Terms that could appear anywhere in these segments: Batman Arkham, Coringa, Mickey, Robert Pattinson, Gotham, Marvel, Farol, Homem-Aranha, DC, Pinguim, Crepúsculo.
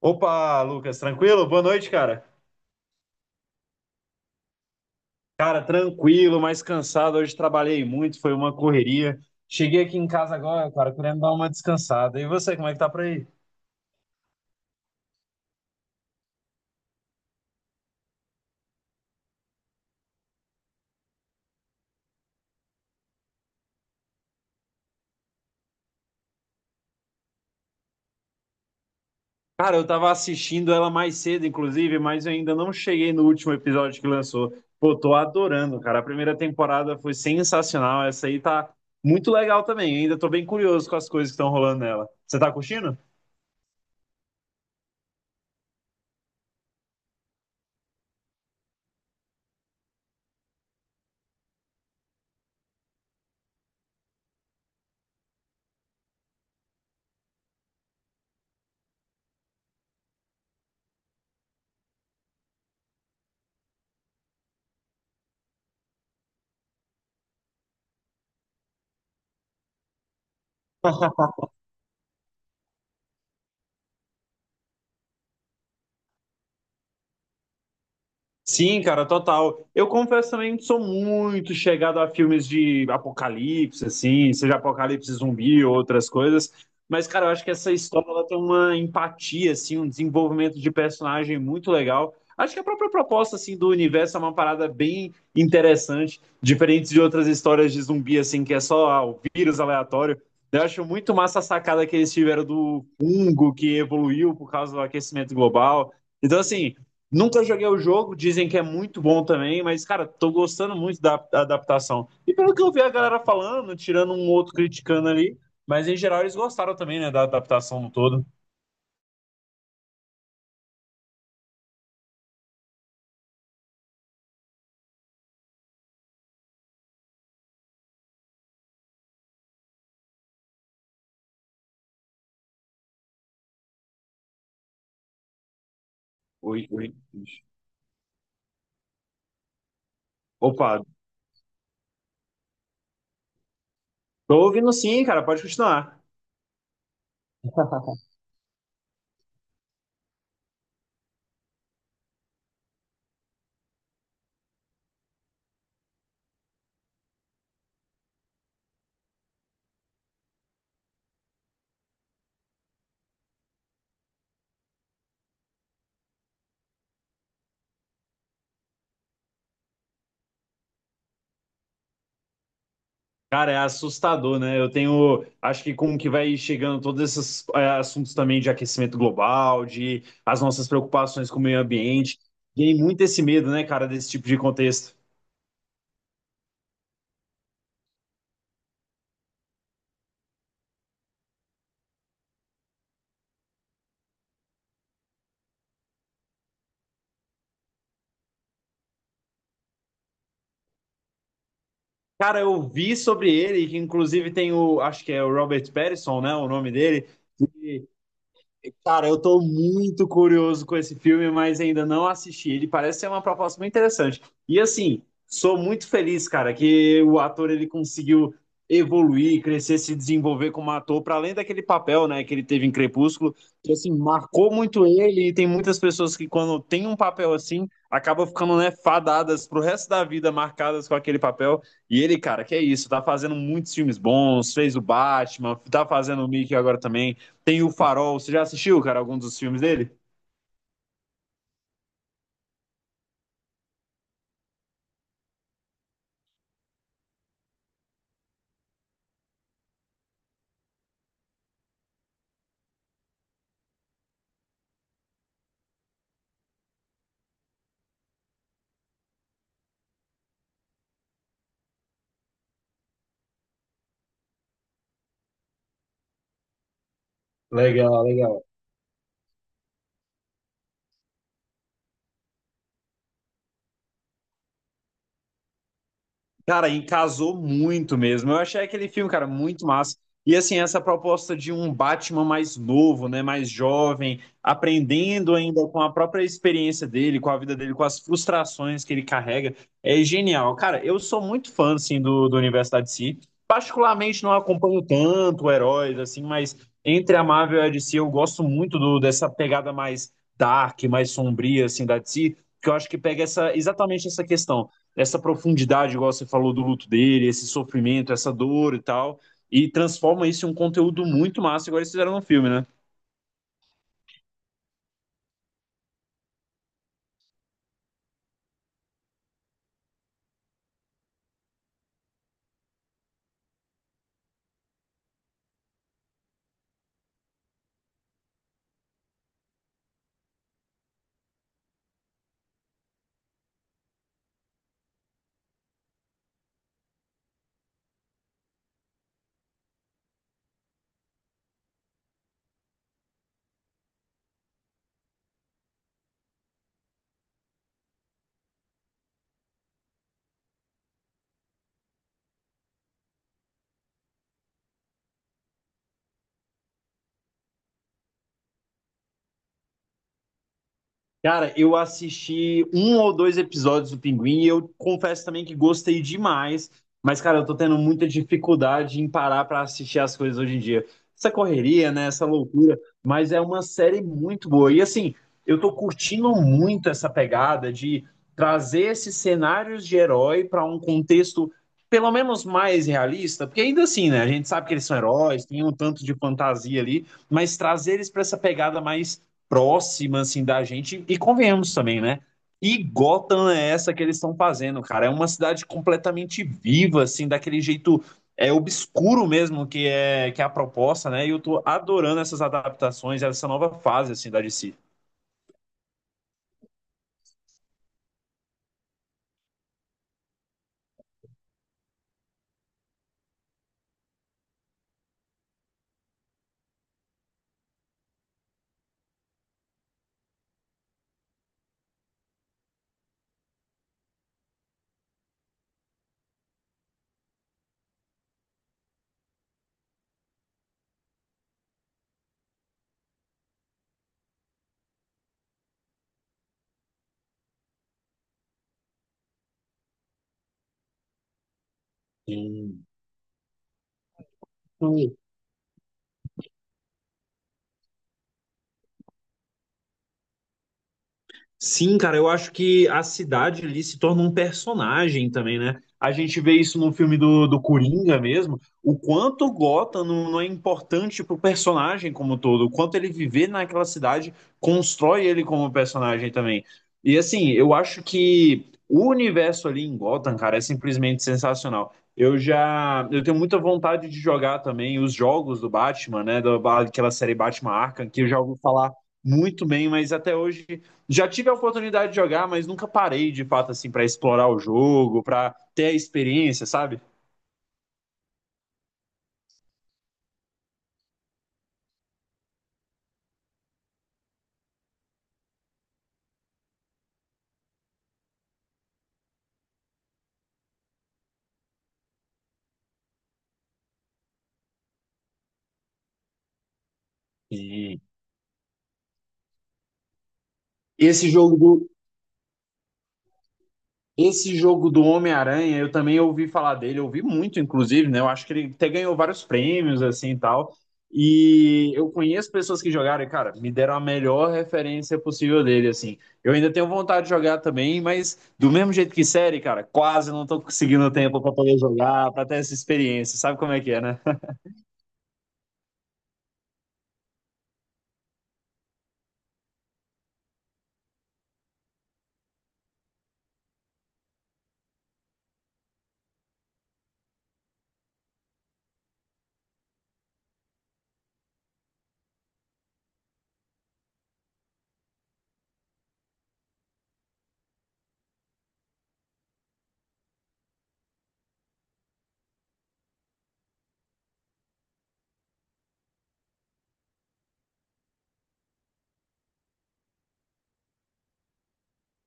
Opa, Lucas, tranquilo? Boa noite, cara. Cara, tranquilo, mas cansado. Hoje trabalhei muito, foi uma correria. Cheguei aqui em casa agora, cara, querendo dar uma descansada. E você, como é que tá por aí? Cara, eu tava assistindo ela mais cedo, inclusive, mas eu ainda não cheguei no último episódio que lançou. Pô, tô adorando, cara. A primeira temporada foi sensacional. Essa aí tá muito legal também. Ainda tô bem curioso com as coisas que estão rolando nela. Você tá curtindo? Sim, cara, total. Eu confesso também que sou muito chegado a filmes de apocalipse, assim, seja apocalipse zumbi ou outras coisas. Mas, cara, eu acho que essa história ela tem uma empatia, assim, um desenvolvimento de personagem muito legal. Acho que a própria proposta, assim, do universo é uma parada bem interessante, diferente de outras histórias de zumbi, assim, que é só ah, o vírus aleatório. Eu acho muito massa a sacada que eles tiveram do fungo que evoluiu por causa do aquecimento global. Então, assim. Nunca joguei o jogo, dizem que é muito bom também, mas, cara, tô gostando muito da adaptação. E pelo que eu vi a galera falando, tirando um outro criticando ali, mas em geral eles gostaram também, né, da adaptação no todo. Oi, oi. Opa, tô ouvindo sim, cara, pode continuar. Cara, é assustador, né? Eu tenho, acho que como que vai chegando todos esses é, assuntos também de aquecimento global, de as nossas preocupações com o meio ambiente, tem muito esse medo, né, cara, desse tipo de contexto. Cara, eu vi sobre ele, que inclusive tem o, acho que é o Robert Pattinson, né, o nome dele. Cara, eu tô muito curioso com esse filme, mas ainda não assisti. Ele parece ser uma proposta muito interessante. E assim, sou muito feliz, cara, que o ator ele conseguiu evoluir, crescer, se desenvolver como ator, para além daquele papel, né, que ele teve em Crepúsculo, que assim marcou muito ele. E tem muitas pessoas que quando tem um papel assim, acabam ficando, né, fadadas pro resto da vida, marcadas com aquele papel. E ele, cara, que é isso, tá fazendo muitos filmes bons, fez o Batman, tá fazendo o Mickey agora também. Tem o Farol. Você já assistiu, cara, algum dos filmes dele? Legal. Cara, e casou muito mesmo. Eu achei aquele filme, cara, muito massa. E assim, essa proposta de um Batman mais novo, né, mais jovem, aprendendo ainda com a própria experiência dele, com a vida dele, com as frustrações que ele carrega, é genial. Cara, eu sou muito fã, assim, do universo da DC. Particularmente não acompanho tanto heróis, assim, mas entre a Marvel e a DC eu gosto muito do- dessa pegada mais dark, mais sombria, assim, da DC, porque eu acho que pega essa, exatamente essa questão, essa profundidade, igual você falou do luto dele, esse sofrimento, essa dor e tal, e transforma isso em um conteúdo muito massa, igual eles fizeram no filme, né? Cara, eu assisti um ou dois episódios do Pinguim e eu confesso também que gostei demais, mas, cara, eu tô tendo muita dificuldade em parar pra assistir as coisas hoje em dia. Essa correria, né? Essa loucura, mas é uma série muito boa. E assim, eu tô curtindo muito essa pegada de trazer esses cenários de herói pra um contexto pelo menos mais realista, porque ainda assim, né? A gente sabe que eles são heróis, tem um tanto de fantasia ali, mas trazer eles pra essa pegada mais próxima, assim, da gente. E convenhamos também, né? E Gotham é essa que eles estão fazendo, cara. É uma cidade completamente viva, assim, daquele jeito é obscuro mesmo que é a proposta, né? E eu tô adorando essas adaptações, essa nova fase assim da DC. Sim. Sim, cara, eu acho que a cidade ali se torna um personagem também, né? A gente vê isso no filme do, do Coringa mesmo, o quanto Gotham não, não é importante pro personagem como um todo, o quanto ele viver naquela cidade constrói ele como personagem também. E assim, eu acho que o universo ali em Gotham, cara, é simplesmente sensacional. Eu já, eu tenho muita vontade de jogar também os jogos do Batman, né, da, daquela série Batman Arkham, que eu já ouvi falar muito bem, mas até hoje já tive a oportunidade de jogar, mas nunca parei de fato assim para explorar o jogo, para ter a experiência, sabe? Sim. Esse jogo do Esse jogo do Homem-Aranha, eu também ouvi falar dele, eu ouvi muito, inclusive, né? Eu acho que ele até ganhou vários prêmios, assim e tal. E eu conheço pessoas que jogaram e, cara, me deram a melhor referência possível dele, assim. Eu ainda tenho vontade de jogar também, mas do mesmo jeito que série, cara, quase não tô conseguindo tempo pra poder jogar, pra ter essa experiência. Sabe como é que é, né?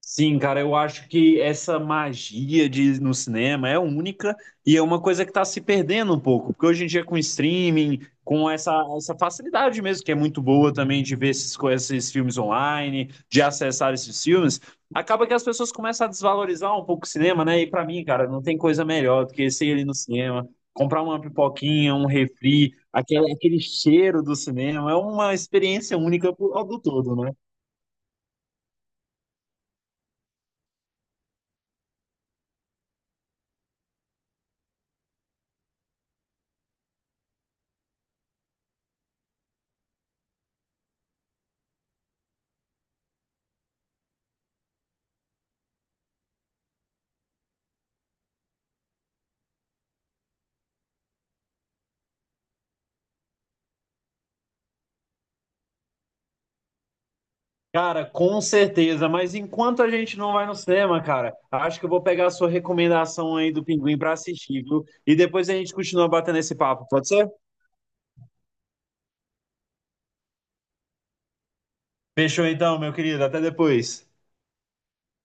Sim, cara, eu acho que essa magia de no cinema é única e é uma coisa que está se perdendo um pouco, porque hoje em dia com streaming, com essa, essa facilidade mesmo, que é muito boa também de ver esses, co- esses filmes online, de acessar esses filmes, acaba que as pessoas começam a desvalorizar um pouco o cinema, né? E para mim, cara, não tem coisa melhor do que ser ali no cinema, comprar uma pipoquinha, um refri, aquele, aquele cheiro do cinema, é uma experiência única pro- do todo, né? Cara, com certeza, mas enquanto a gente não vai no cinema, cara, acho que eu vou pegar a sua recomendação aí do Pinguim pra assistir, viu? E depois a gente continua batendo esse papo, pode ser? Fechou então, meu querido, até depois.